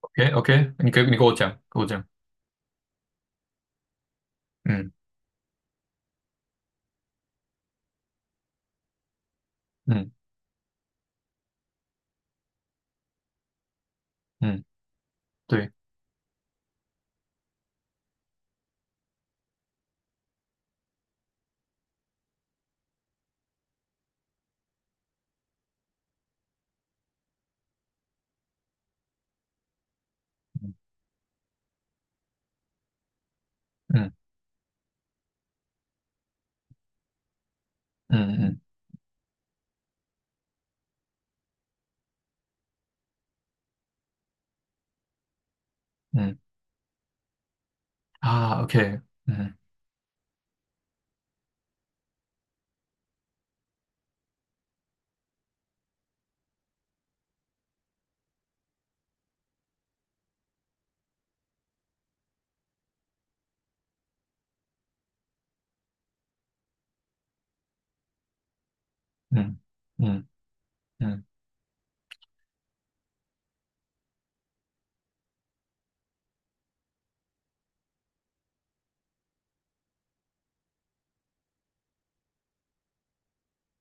OK OK，你跟我讲，跟我讲，嗯嗯嗯，对，嗯嗯嗯嗯嗯，啊，OK，嗯嗯嗯嗯嗯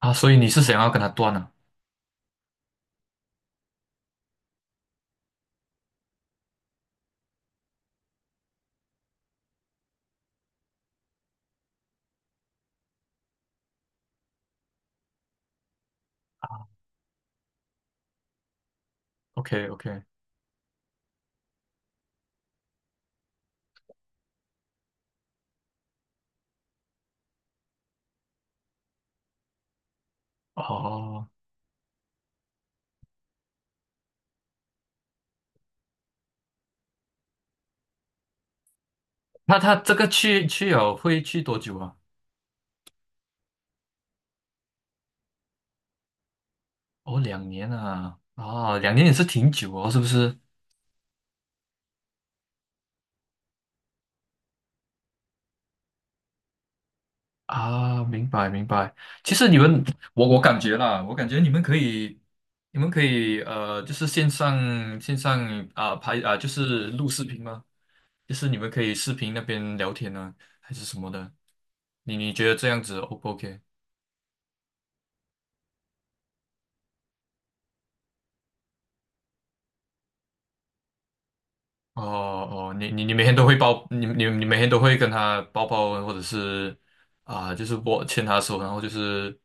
啊，所以你是想要跟他断了？OK OK，哦，那他这个去了会去多久啊？哦，两年啊，啊，两年也是挺久哦，是不是？啊，明白明白。其实你们，我感觉啦，我感觉你们可以，你们可以就是线上啊、拍啊、就是录视频吗？就是你们可以视频那边聊天呢，还是什么的。你觉得这样子 O 不 OK？哦哦，你每天都会跟他抱抱，或者是啊、就是牵他的手，然后就是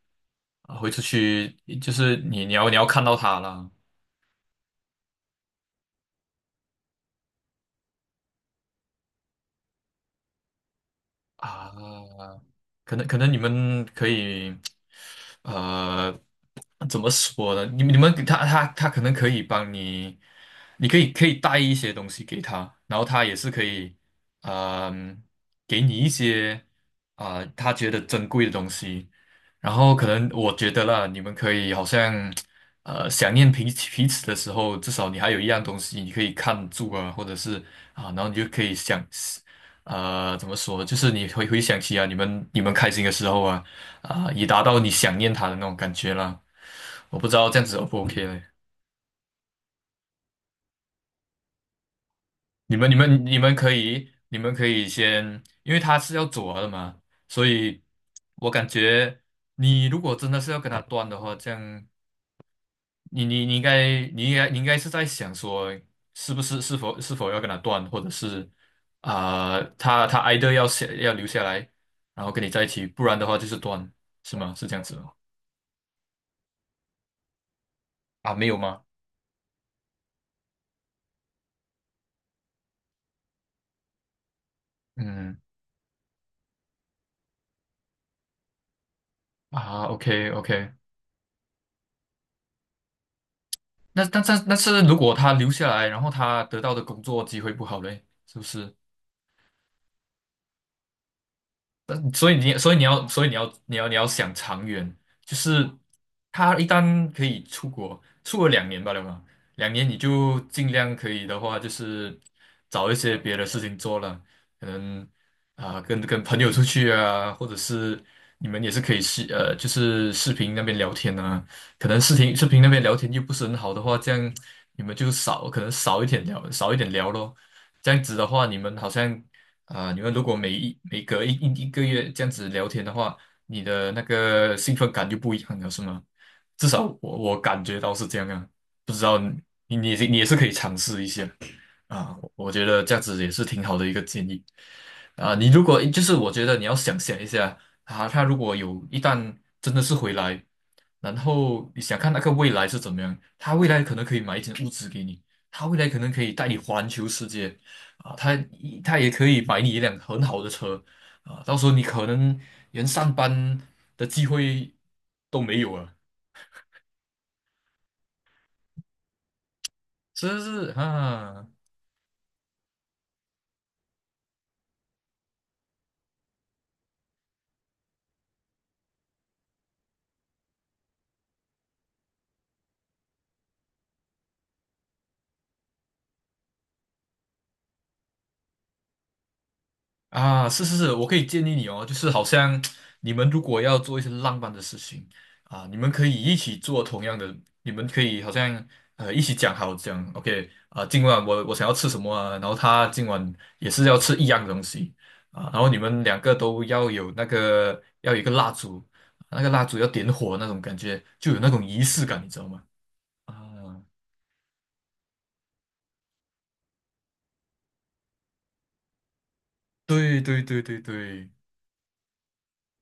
啊、会出去，就是你要看到他了。啊，可能你们可以，呃，怎么说呢？你们给他可能可以帮你，你可以带一些东西给他，然后他也是可以，嗯、给你一些啊、他觉得珍贵的东西。然后可能我觉得啦，你们可以好像，想念彼此的时候，至少你还有一样东西你可以看住啊，或者是啊，然后你就可以想。怎么说？就是你回想起啊，你们开心的时候啊，啊、已达到你想念他的那种感觉了。我不知道这样子 O 不 OK 嘞？你们可以先，因为他是要走了的嘛，所以我感觉你如果真的是要跟他断的话，这样你应该是在想说，是不是是否是否要跟他断，或者是啊、他 e i 要下要留下来，然后跟你在一起，不然的话就是断，是吗？是这样子吗？啊，没有吗？嗯啊，OK OK，那但但那是如果他留下来，然后他得到的工作机会不好嘞，是不是？所以你，所以你要，所以你要，你要，你要想长远，就是他一旦可以出国，出国两年吧，对吧？两年你就尽量可以的话，就是找一些别的事情做了，可能啊、跟朋友出去啊，或者是你们也是可以就是视频那边聊天啊，可能视频那边聊天又不是很好的话，这样你们可能少一点聊，少一点聊咯。这样子的话，你们好像。啊，你们如果每隔一个月这样子聊天的话，你的那个兴奋感就不一样了，是吗？至少我感觉到是这样啊，不知道你也是可以尝试一下。啊，我觉得这样子也是挺好的一个建议啊。你如果就是我觉得你要想想一下啊，他如果一旦真的是回来，然后你想看那个未来是怎么样，他未来可能可以买一间物资给你，他未来可能可以带你环球世界啊，他也可以买你一辆很好的车啊，到时候你可能连上班的机会都没有了，是不是啊？啊，是是是，我可以建议你哦，就是好像你们如果要做一些浪漫的事情啊，你们可以一起做同样的，你们可以好像一起讲，OK 啊，今晚我想要吃什么啊，然后他今晚也是要吃一样的东西啊，然后你们两个都要有那个要有一个蜡烛，那个蜡烛要点火那种感觉，就有那种仪式感，你知道吗？啊，对对对对对，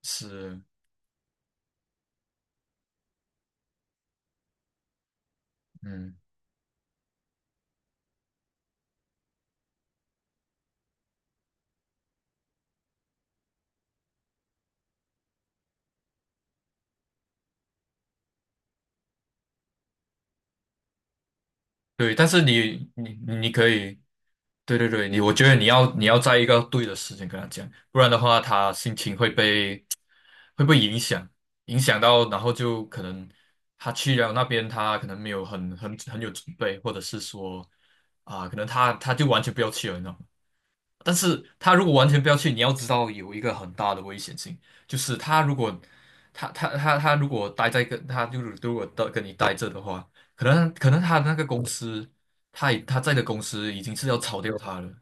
是，嗯。对，但是你可以，对对对，我觉得你要在一个对的时间跟他讲，不然的话他心情会被影响，影响到，然后就可能他去了那边，他可能没有很有准备，或者是说啊、可能他就完全不要去了，你知道吗？但是他如果完全不要去，你要知道有一个很大的危险性，就是他如果他他他他如果待在跟他就是如果到跟你待着的话，可能他那个公司，他在的公司已经是要炒掉他了，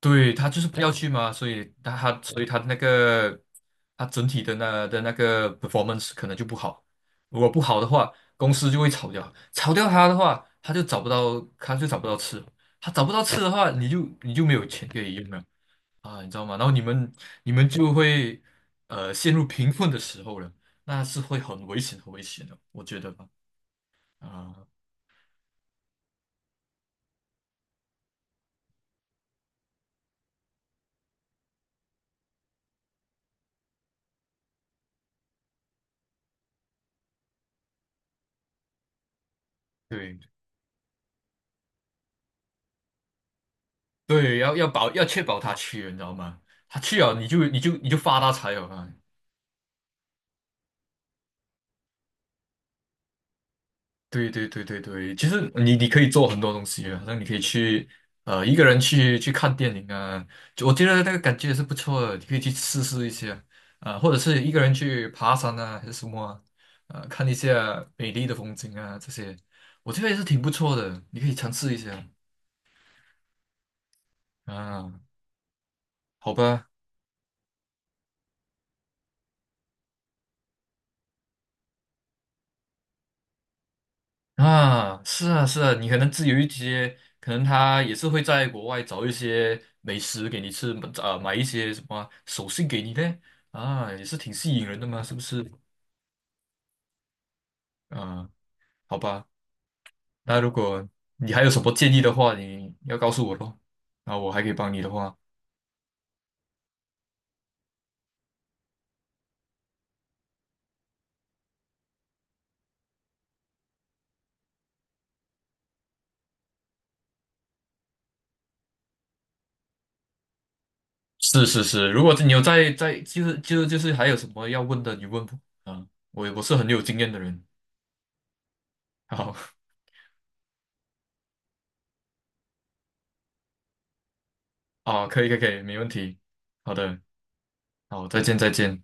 对他就是不要去嘛，所以他整体的那个 performance 可能就不好，如果不好的话，公司就会炒掉，炒掉他的话，他就找不到吃。他找不到吃的话，你就没有钱可以用了。啊，你知道吗？然后你们就会陷入贫困的时候了，那是会很危险很危险的，我觉得吧。啊、对对，要确保他去，你知道吗？他去了，你就发大财了啊！对对对对对，其实你可以做很多东西啊，好像你可以去一个人去看电影啊，就我觉得那个感觉也是不错的，你可以去试试一下啊、或者是一个人去爬山啊，还是什么啊，看一下美丽的风景啊这些，我觉得也是挺不错的，你可以尝试一下啊，好吧。啊，是啊，是啊，你可能自由一些，可能他也是会在国外找一些美食给你吃，啊、买一些什么手信给你呢？啊，也是挺吸引人的嘛，是不是？啊，好吧，那如果你还有什么建议的话，你要告诉我咯，那我还可以帮你的话，是是是，如果你有在，就是还有什么要问的，你问我啊，我是很有经验的人，好 啊，可以可以可以，没问题，好的，好，再见再见。